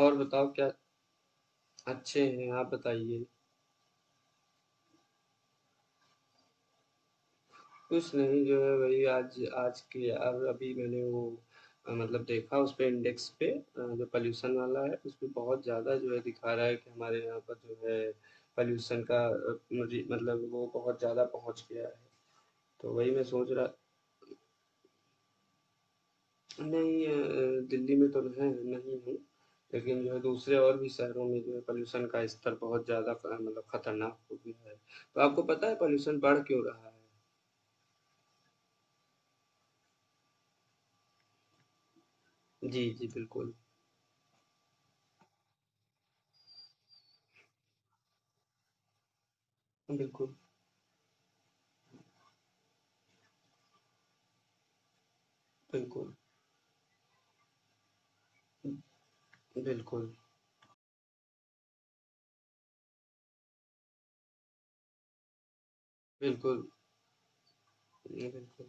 और बताओ क्या? अच्छे हैं, आप बताइए। कुछ नहीं, जो है वही। आज आज की अब अभी मैंने वो मतलब देखा उस पे, इंडेक्स पे जो पॉल्यूशन वाला है उसमें बहुत ज़्यादा जो है दिखा रहा है कि हमारे यहाँ पर जो है पॉल्यूशन का, मतलब वो बहुत ज़्यादा पहुँच गया है। तो वही मैं सोच रहा। नहीं, दिल्ली में तो है नहीं हूँ, लेकिन जो है दूसरे और भी शहरों में जो है पॉल्यूशन का स्तर बहुत ज़्यादा मतलब खतरनाक हो गया है। तो आपको पता है पॉल्यूशन बढ़ क्यों रहा है? जी, जी, बिल्कुल। बिल्कुल, बिल्कुल, बिल्कुल, बिल्कुल, बिल्कुल,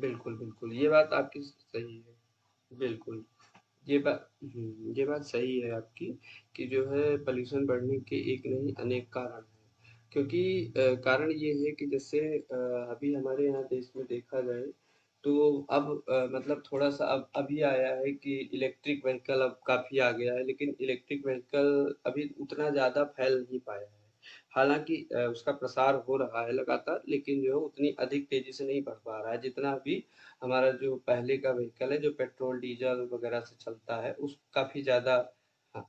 बिल्कुल, बिल्कुल, ये बात आपकी स सही है। बिल्कुल। ये बा हुँ, ये बात सही है आपकी कि जो है पॉल्यूशन बढ़ने के एक नहीं अनेक कारण हैं। क्योंकि कारण ये है कि जैसे अभी हमारे यहाँ देश में देखा जाए तो अब मतलब थोड़ा-सा अब अभी आया है कि इलेक्ट्रिक व्हीकल अब काफ़ी आ गया है, लेकिन इलेक्ट्रिक व्हीकल अभी उतना ज़्यादा फैल नहीं पाया है। हालाँकि उसका प्रसार हो रहा है लगातार, लेकिन जो है उतनी अधिक तेज़ी से नहीं बढ़ पा रहा है, जितना अभी हमारा जो पहले का व्हीकल है, जो पेट्रोल, डीज़ल वगैरह से चलता है, उस काफ़ी ज़्यादा। अ,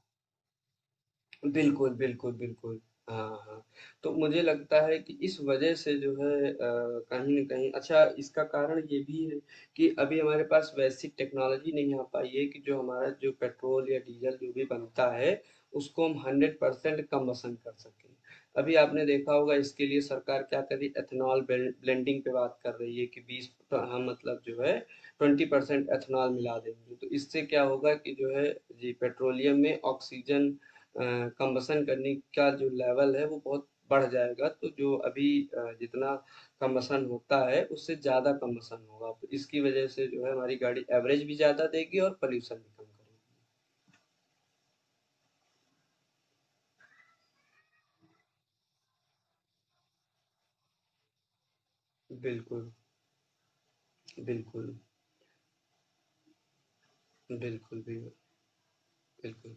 बिल्कुल, बिल्कुल, बिल्कुल। हाँ, हाँ। तो मुझे लगता है कि इस वजह से जो है कहीं न कहीं अच्छा इसका कारण ये भी है कि अभी हमारे पास वैसी टेक्नोलॉजी नहीं आ पाई है कि जो हमारा जो पेट्रोल या डीज़ल जो भी बनता है, उसको हम 100% कम वसन कर सकें। अभी आपने देखा होगा इसके लिए सरकार क्या कर रही है, एथेनॉल ब्लेंडिंग पे बात कर रही है कि 20 प हम मतलब जो है 20% एथेनॉल मिला देंगे। तो इससे क्या होगा कि जो है जी, पेट्रोलियम में ऑक्सीजन अ, कम्बसन करने का जो लेवल है वो बहुत बढ़ जाएगा, तो जो अभी जितना कम्बसन होता है उससे ज़्यादा कम्बसन होगा। तो इसकी वज़ह से जो है हमारी गाड़ी एवरेज भी ज़्यादा देगी और पॉल्यूशन भी कम करेगी। बिल्कुल, बिल्कुल, बिल्कुल, बिल्कुल।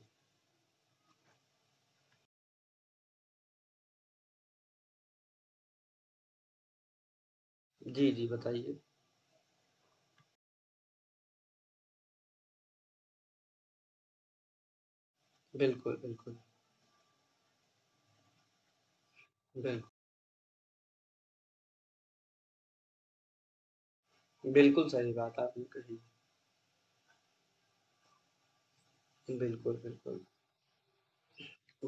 जी, जी बताइए। बिल्कुल, बिल्कुल, बिल्कुल। बिल्कुल सही बात आपने कही। बिल्कुल, बिल्कुल।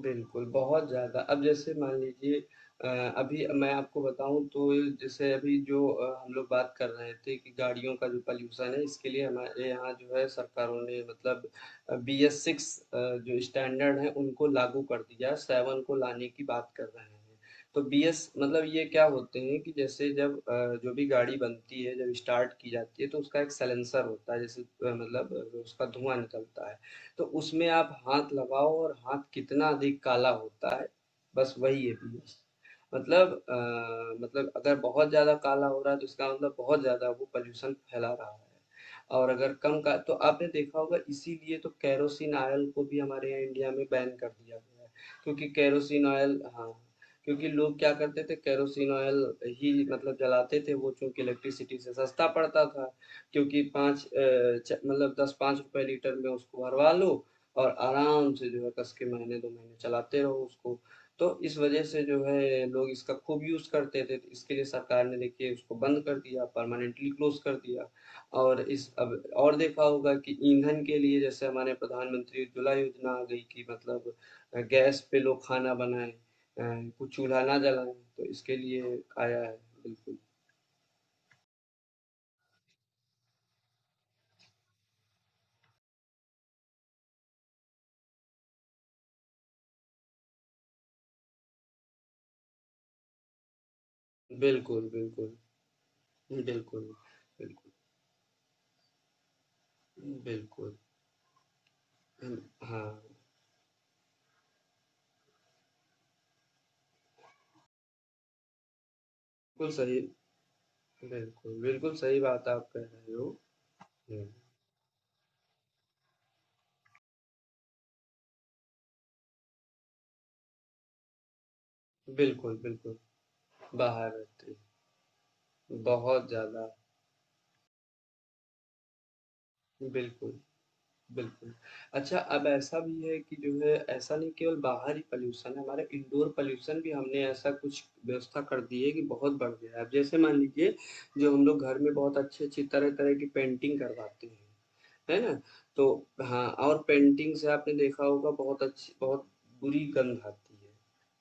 बिल्कुल, बहुत ज़्यादा। अब जैसे मान लीजिए, अ, अभी मैं आपको बताऊँ तो, जैसे अभी जो हम लोग बात कर रहे थे कि गाड़ियों का जो पॉल्यूशन है, इसके लिए हमारे यहाँ जो है सरकारों ने मतलब बीएस 6 अ, जो स्टैंडर्ड है उनको लागू कर दिया, 7 को लाने की बात कर रहे हैं। तो बीएस मतलब ये क्या होते हैं कि जैसे जब जो भी गाड़ी बनती है, जब स्टार्ट की जाती है तो उसका एक साइलेंसर होता है जैसे मतलब उसका धुआँ निकलता है। तो उसमें आप हाथ लगाओ और हाथ कितना अधिक काला होता है, बस वही है पीयूष। मतलब मतलब अगर बहुत ज़्यादा काला हो रहा है तो इसका मतलब बहुत ज़्यादा वो पॉल्यूशन फैला रहा है। और अगर कम का, तो आपने देखा होगा इसीलिए तो केरोसिन ऑयल को भी हमारे यहाँ इंडिया में बैन कर दिया गया है। क्योंकि केरोसिन ऑयल, हाँ, क्योंकि लोग क्या करते थे, केरोसिन ऑयल ही मतलब जलाते थे वो, चूंकि इलेक्ट्रिसिटी से सस्ता पड़ता था, क्योंकि पाँच मतलब दस पाँच रुपए लीटर में उसको भरवा लो और आराम से जो है कस के महीने दो महीने चलाते रहो उसको। तो इस वजह से जो है लोग इसका खूब यूज करते थे, तो इसके लिए सरकार ने देखिए उसको बंद कर दिया, परमानेंटली क्लोज कर दिया। और इस अब और देखा होगा कि ईंधन के लिए जैसे हमारे प्रधानमंत्री उज्ज्वला योजना आ गई कि मतलब गैस पे लोग खाना बनाएं, कुछ चूल्हा ना जलाएं, तो इसके लिए आया है। बिल्कुल बिल्कुल बिल्कुल बिल्कुल बिल्कुल बिल्कुल हाँ, बिल्कुल सही, बिल्कुल बिल्कुल सही बात आप कह रहे हो। हम्म, बिल्कुल बिल्कुल बाहर रहते हैं, बहुत ज्यादा, बिल्कुल, बिल्कुल। अच्छा, अब ऐसा भी है कि जो है ऐसा नहीं केवल बाहर ही पॉल्यूशन है, हमारे इंडोर पॉल्यूशन भी हमने ऐसा कुछ व्यवस्था कर दी है कि बहुत बढ़ गया है। अब जैसे मान लीजिए जो हम लोग घर में बहुत अच्छी-अच्छी तरह-तरह की पेंटिंग करवाते हैं, है ना? तो हाँ, और पेंटिंग से आपने देखा होगा बहुत अच्छी बहुत बुरी गंध आती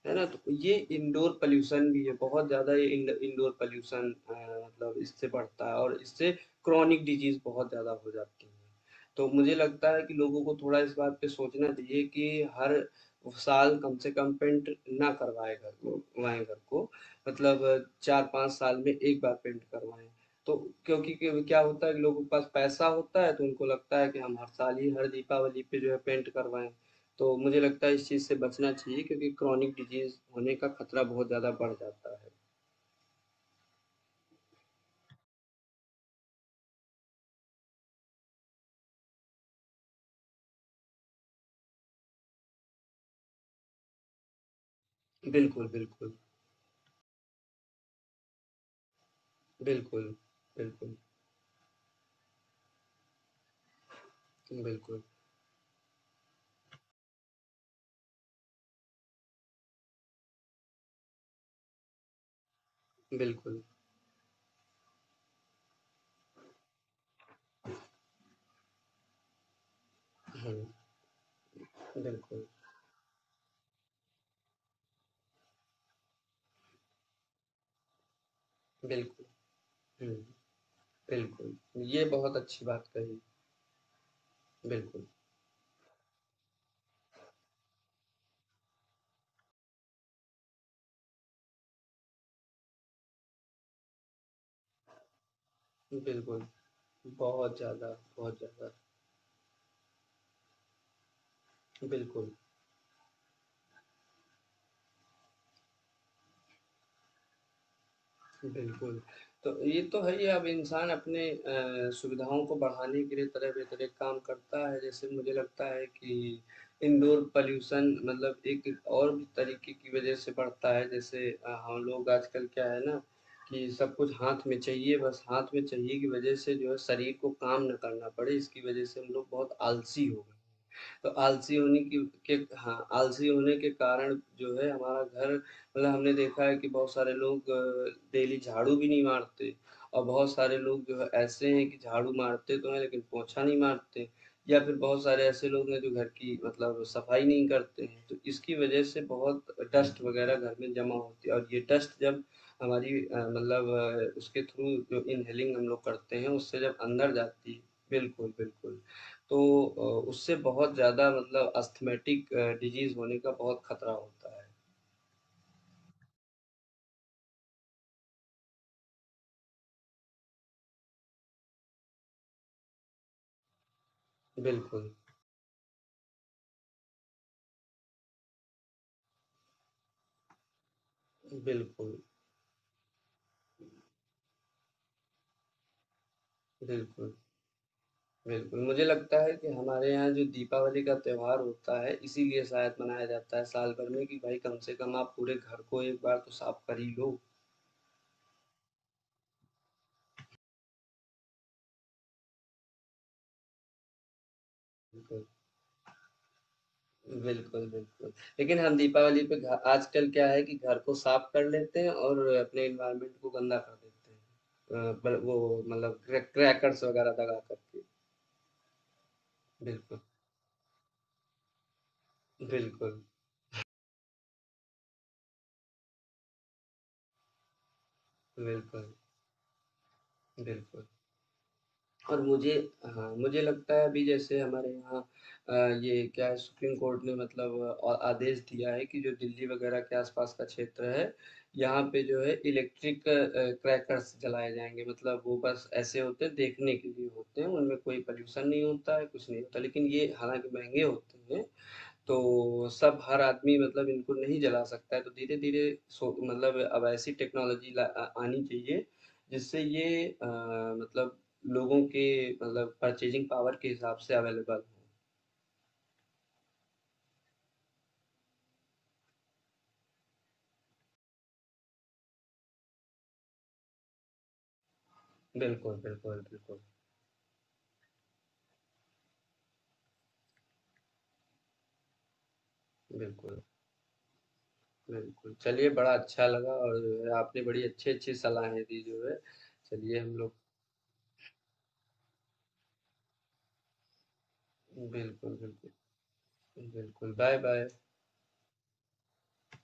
है ना? तो ये इंडोर पॉल्यूशन भी है, बहुत ज़्यादा, ये इंडोर पॉल्यूशन मतलब इससे बढ़ता है और इससे क्रॉनिक डिजीज़ बहुत ज़्यादा हो जाती है। तो मुझे लगता है कि लोगों को थोड़ा इस बात पे सोचना चाहिए कि हर साल कम से कम पेंट ना करवाएं घर को, करवाएं घर को। मतलब 4-5 साल में 1 बार पेंट करवाएँ। तो क्योंकि क्यों क्या होता है कि लोगों के पास पैसा होता है तो उनको लगता है कि हम हर साल ही हर दीपावली पे जो है पेंट करवाएं। तो मुझे लगता है इस चीज़ से बचना चाहिए, क्योंकि क्रॉनिक डिजीज होने का खतरा बहुत ज़्यादा बढ़ जाता है। बिल्कुल बिल्कुल बिल्कुल बिल्कुल बिल्कुल बिल्कुल हम्म बिल्कुल बिल्कुल हम्म बिल्कुल ये बहुत अच्छी बात कही बिल्कुल बिल्कुल बहुत ज़्यादा बहुत ज़्यादा बिल्कुल बिल्कुल। तो ये तो है ही, अब इंसान अपने सुविधाओं को बढ़ाने के लिए तरह-तरह काम करता है। जैसे मुझे लगता है कि इंडोर पॉल्यूशन मतलब एक और भी तरीके की वजह से बढ़ता है, जैसे हम लोग आजकल क्या है ना कि सब कुछ हाथ में चाहिए, बस हाथ में चाहिए की वजह से जो है शरीर को काम ना करना पड़े, इसकी वजह से हम लोग बहुत आलसी हो गए। तो आलसी होने की के हाँ, आलसी होने के कारण जो है हमारा घर मतलब हमने देखा है कि बहुत सारे लोग डेली झाड़ू भी नहीं मारते, और बहुत सारे लोग जो है ऐसे हैं कि झाड़ू मारते तो हैं लेकिन पोछा नहीं मारते, या फिर बहुत सारे ऐसे लोग हैं जो घर की मतलब सफाई नहीं करते हैं। तो इसकी वजह से बहुत डस्ट वगैरह घर में जमा होती है और ये डस्ट जब हमारी मतलब उसके थ्रू जो इनहेलिंग हम लोग करते हैं उससे जब अंदर जाती है, बिल्कुल बिल्कुल, तो उससे बहुत ज़्यादा मतलब अस्थमैटिक डिजीज़ होने का बहुत खतरा होता है। बिल्कुल, बिल्कुल, बिल्कुल, बिल्कुल। मुझे लगता है कि हमारे यहाँ जो दीपावली का त्योहार होता है, इसीलिए शायद मनाया जाता है साल भर में कि भाई कम से कम आप पूरे घर को एक बार तो साफ कर ही लो। बिल्कुल, बिल्कुल, बिल्कुल। लेकिन हम दीपावली पे घ आजकल क्या है कि घर को साफ कर लेते हैं और अपने एनवायरनमेंट को गंदा कर देते हैं। पर वो मतलब क्रैकर्स वगैरह लगा करके। बिल्कुल। बिल्कुल, बिल्कुल, बिल्कुल। और मुझे, हाँ, मुझे लगता है अभी जैसे हमारे यहाँ अ, ये क्या है, सुप्रीम कोर्ट ने मतलब आदेश दिया है कि जो दिल्ली वगैरह के आसपास का क्षेत्र है, यहाँ पे जो है इलेक्ट्रिक क्रैकर्स जलाए जाएँगे। मतलब वो बस ऐसे होते हैं देखने के लिए होते हैं, उनमें कोई पॉल्यूशन नहीं होता है, कुछ नहीं होता। लेकिन ये हालाँकि महँगे होते हैं, तो सब हर आदमी मतलब इनको नहीं जला सकता है, तो धीरे धीरे सो मतलब अब ऐसी टेक्नोलॉजी आनी चाहिए जिससे ये मतलब लोगों के मतलब परचेजिंग पावर के हिसाब से अवेलेबल हो। बिल्कुल बिल्कुल बिल्कुल बिल्कुल बिल्कुल चलिए, बड़ा अच्छा लगा। और जो है, आपने बड़ी अच्छी अच्छी सलाहें दी जो है। चलिए हम लोग, बिल्कुल बिल्कुल, बिल्कुल बाय बाय।